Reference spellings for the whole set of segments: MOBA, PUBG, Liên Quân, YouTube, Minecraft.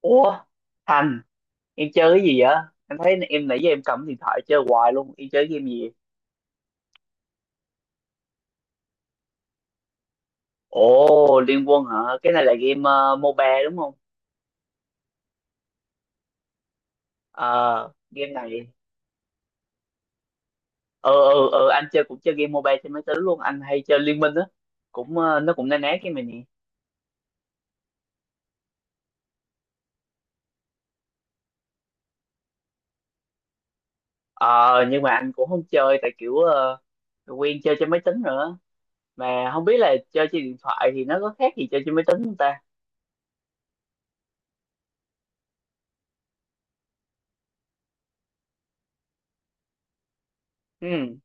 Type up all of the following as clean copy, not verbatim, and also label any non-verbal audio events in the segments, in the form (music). Ủa Thành, em chơi cái gì vậy? Em thấy em nãy giờ em cầm điện thoại chơi hoài luôn, em chơi game gì vậy? Ồ, Liên Quân hả? Cái này là game MOBA đúng không? Ờ game này. Ờ, anh chơi cũng chơi game mobile trên máy tính luôn, anh hay chơi Liên Minh á. Cũng nó cũng na ná cái mình nè. Ờ nhưng mà anh cũng không chơi tại kiểu quen chơi trên máy tính nữa, mà không biết là chơi trên điện thoại thì nó có khác gì chơi trên máy tính không ta. Ừ.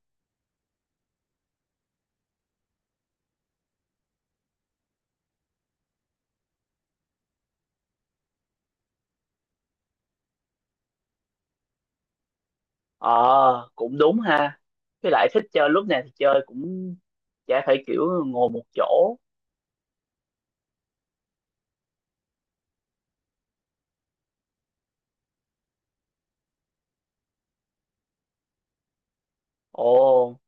Ờ cũng đúng ha, với lại thích chơi lúc nào thì chơi, cũng chả phải kiểu ngồi một chỗ. Ồ,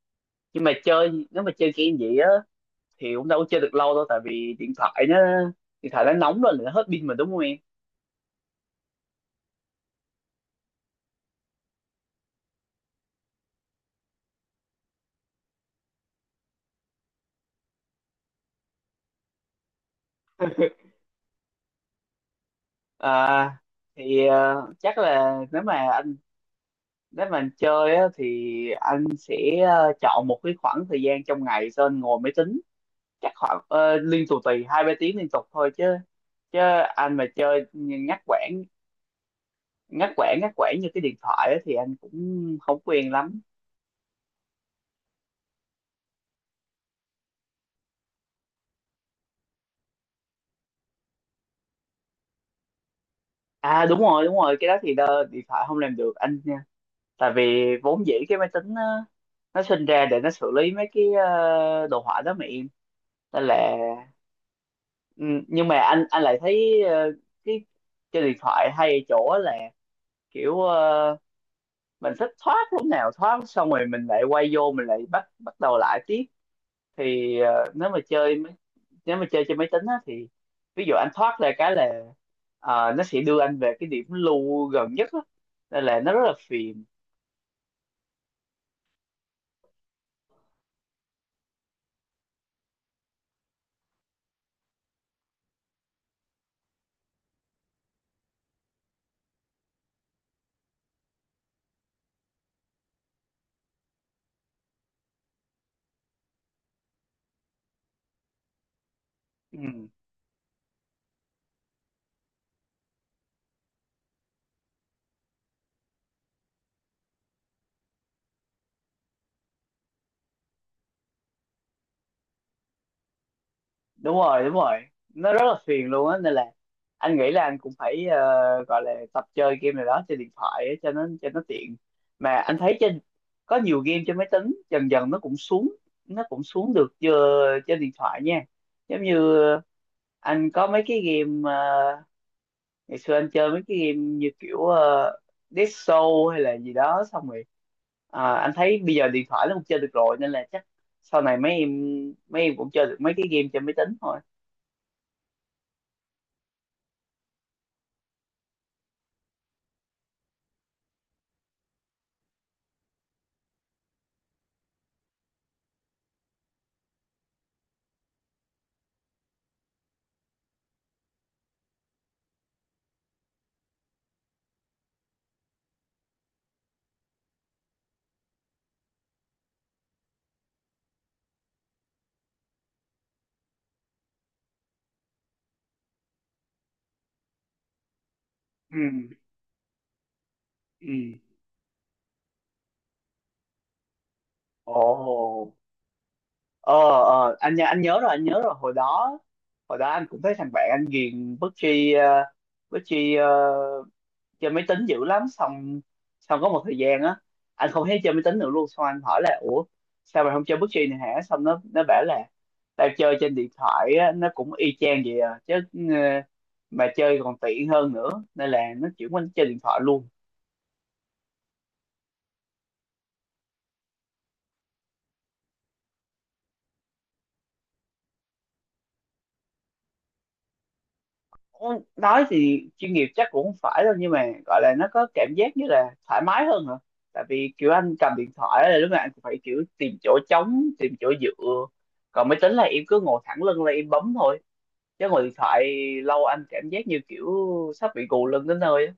nhưng mà chơi nếu mà chơi game vậy á thì cũng đâu có chơi được lâu đâu, tại vì điện thoại nó nóng lên là nó hết pin mà đúng không em? À thì chắc là nếu mà anh chơi á thì anh sẽ chọn một cái khoảng thời gian trong ngày cho anh ngồi máy tính, chắc khoảng liên tục tùy hai ba tiếng liên tục thôi chứ. Chứ anh mà chơi nhắc quãng, ngắt quãng ngắt quãng như cái điện thoại á thì anh cũng không quen lắm. À đúng rồi đúng rồi, cái đó thì điện thoại không làm được anh nha, tại vì vốn dĩ cái máy tính nó sinh ra để nó xử lý mấy cái đồ họa đó mà em. Nên là ừ, nhưng mà anh lại thấy cái chơi điện thoại hay ở chỗ là kiểu mình thích thoát lúc nào thoát, xong rồi mình lại quay vô mình lại bắt bắt đầu lại tiếp. Thì nếu mà chơi máy, nếu mà chơi trên máy tính á, thì ví dụ anh thoát ra cái là nó sẽ đưa anh về cái điểm lưu gần nhất á. Nên là nó rất là phiền. Ừ, đúng rồi đúng rồi, nó rất là phiền luôn á. Nên là anh nghĩ là anh cũng phải gọi là tập chơi game này đó trên điện thoại á, cho nó tiện. Mà anh thấy trên có nhiều game trên máy tính dần dần nó cũng xuống, nó cũng xuống được chưa trên điện thoại nha. Giống như anh có mấy cái game ngày xưa anh chơi mấy cái game như kiểu Dead Show hay là gì đó, xong rồi à, anh thấy bây giờ điện thoại nó cũng chơi được rồi, nên là chắc sau này mấy em cũng chơi được mấy cái game trên máy tính thôi. Ừ. Ừ. Ồ, ờ, anh nhớ anh nhớ rồi hồi đó anh cũng thấy thằng bạn anh ghiền PUBG, uh, PUBG chơi máy tính dữ lắm. Xong xong có một thời gian á anh không thấy chơi máy tính nữa luôn, xong anh hỏi là ủa sao mày không chơi PUBG này hả, xong nó bảo là tao chơi trên điện thoại á, nó cũng y chang vậy à chứ. ờ, mà chơi còn tiện hơn nữa nên là nó chuyển qua nó chơi điện thoại luôn. Ủa, nói thì chuyên nghiệp chắc cũng không phải đâu, nhưng mà gọi là nó có cảm giác như là thoải mái hơn hả. Tại vì kiểu anh cầm điện thoại là lúc nào anh cũng phải kiểu tìm chỗ trống, tìm chỗ dựa. Còn máy tính là em cứ ngồi thẳng lưng là em bấm thôi. Chứ ngồi điện thoại lâu anh cảm giác như kiểu sắp bị gù lưng đến nơi á.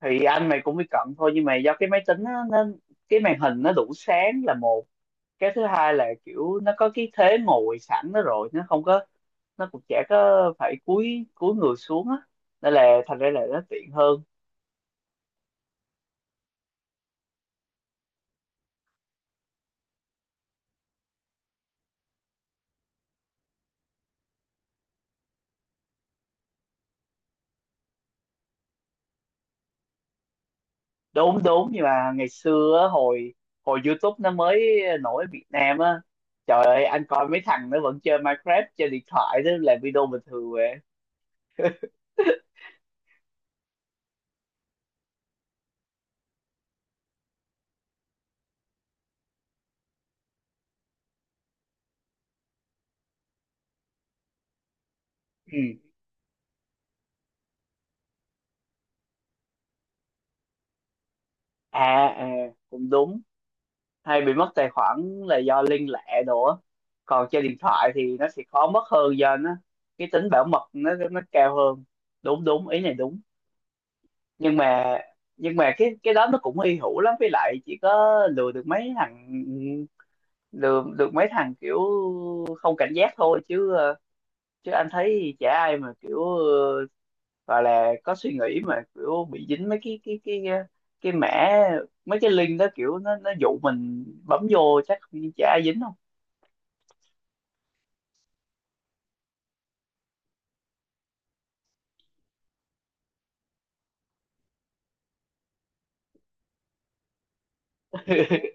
Thì anh mày cũng bị cận thôi, nhưng mà do cái máy tính á, nó cái màn hình nó đủ sáng là một, cái thứ hai là kiểu nó có cái thế ngồi sẵn đó rồi, nó không có, nó cũng chả có phải cúi cúi người xuống á, nên là thành ra là nó tiện hơn. Đúng đúng, nhưng mà ngày xưa á, hồi hồi YouTube nó mới nổi ở Việt Nam á, trời ơi anh coi mấy thằng nó vẫn chơi Minecraft chơi điện thoại đó làm video bình thường vậy. Ừ. À à, cũng đúng. Hay bị mất tài khoản là do liên lạc đồ á, còn trên điện thoại thì nó sẽ khó mất hơn do nó cái tính bảo mật nó cao hơn. Đúng đúng, ý này đúng. Nhưng mà nhưng mà cái đó nó cũng hy hữu lắm, với lại chỉ có lừa được mấy thằng, lừa được mấy thằng kiểu không cảnh giác thôi, chứ chứ anh thấy chả ai mà kiểu gọi là có suy nghĩ mà kiểu bị dính mấy cái mấy cái link đó, kiểu nó dụ mình bấm vô, chắc chả ai dính không. (laughs)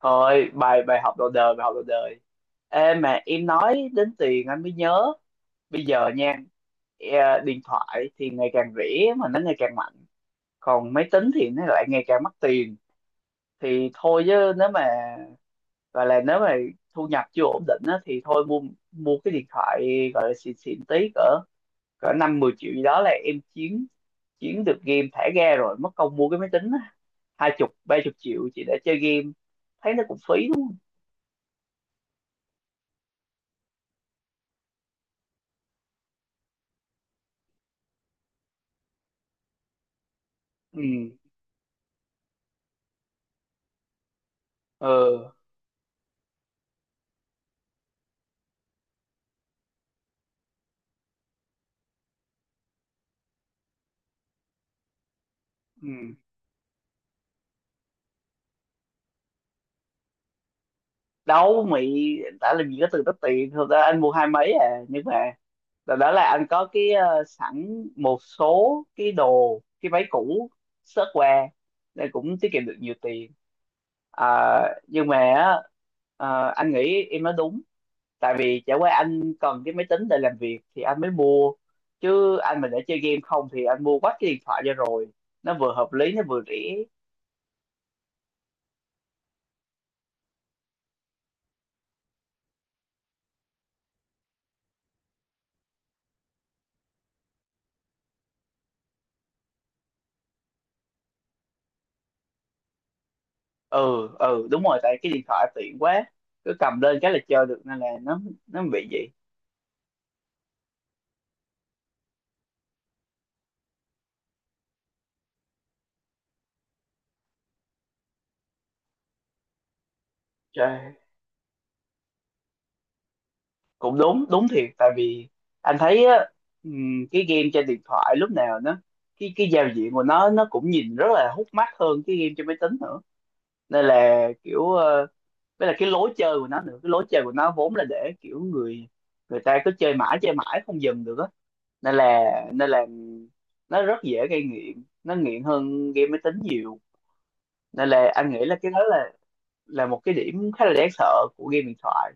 Thôi, bài bài học đầu đời, bài học đầu đời. Ê, mà em nói đến tiền anh mới nhớ, bây giờ nha, điện thoại thì ngày càng rẻ mà nó ngày càng mạnh, còn máy tính thì nó lại ngày càng mắc tiền. Thì thôi chứ nếu mà gọi là nếu mà thu nhập chưa ổn định á, thì thôi mua, mua cái điện thoại gọi là xịn xịn tí, cỡ cỡ năm mười triệu gì đó là em chiến, chiến được game thả ga rồi. Mất công mua cái máy tính á, hai chục ba chục triệu chỉ để chơi game thấy nó cũng phí đúng không. Ừ. Ờ. Ừ. Đâu mày, đã làm gì có từng đó tiền, thật ra anh mua hai mấy à, nhưng mà đó, đó là anh có cái sẵn một số cái đồ cái váy cũ sớt qua nên cũng tiết kiệm được nhiều tiền. À, nhưng mà á, anh nghĩ em nói đúng. Tại vì chả qua anh cần cái máy tính để làm việc thì anh mới mua, chứ anh mà để chơi game không thì anh mua quách cái điện thoại cho rồi, nó vừa hợp lý nó vừa rẻ. Ừ ừ đúng rồi, tại cái điện thoại tiện quá, cứ cầm lên cái là chơi được, nên là nó bị vậy. Cũng đúng đúng thiệt. Tại vì anh thấy á, cái game trên điện thoại lúc nào nó cái giao diện của nó cũng nhìn rất là hút mắt hơn cái game trên máy tính nữa. Nên là kiểu với là cái lối chơi của nó nữa, cái lối chơi của nó vốn là để kiểu người, người ta cứ chơi mãi không dừng được á. Nên là nên là nó rất dễ gây nghiện, nó nghiện hơn game máy tính nhiều. Nên là anh nghĩ là cái đó là một cái điểm khá là đáng sợ của game điện thoại.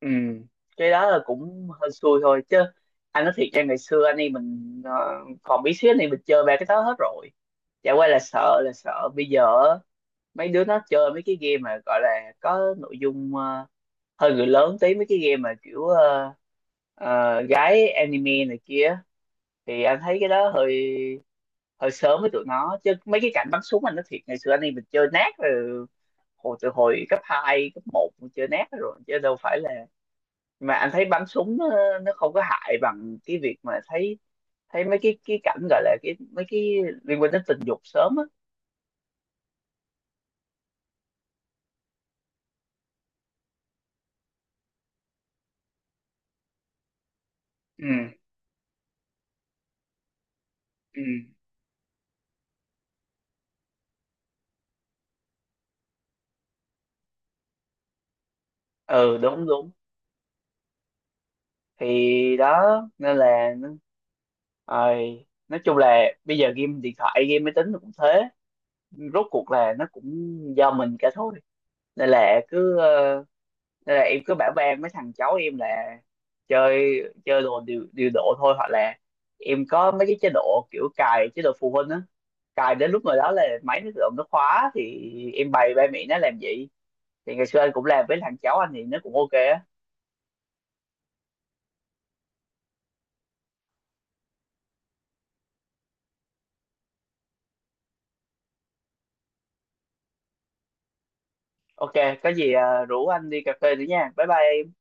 Ừ, cái đó là cũng hơi xui thôi, chứ anh nói thiệt cho ngày xưa anh em mình còn bí xíu anh em mình chơi ba cái đó hết rồi. Chả qua là sợ, là sợ bây giờ á, mấy đứa nó chơi mấy cái game mà gọi là có nội dung hơi người lớn tí, mấy cái game mà kiểu gái anime này kia, thì anh thấy cái đó hơi, hơi sớm với tụi nó. Chứ mấy cái cảnh bắn súng anh nói thiệt ngày xưa anh em mình chơi nát rồi, hồi từ hồi cấp 2 cấp một mình chơi nát rồi chứ đâu phải là. Mà anh thấy bắn súng nó không có hại bằng cái việc mà thấy, thấy mấy cái cảnh gọi là mấy cái liên quan đến tình dục sớm á. Ừ. Ừ. Ừ đúng đúng, thì đó nên là rồi nói chung là bây giờ game điện thoại game máy tính nó cũng thế, rốt cuộc là nó cũng do mình cả thôi. Nên là cứ nên là em cứ bảo ban mấy thằng cháu em là chơi, chơi đồ điều, điều độ thôi, hoặc là em có mấy cái chế độ kiểu cài chế độ phụ huynh á, cài đến lúc nào đó là máy nó tự động nó khóa, thì em bày ba mẹ nó làm gì. Thì ngày xưa anh cũng làm với thằng cháu anh thì nó cũng ok á. Ok, có gì à, rủ anh đi cà phê nữa nha, bye bye em.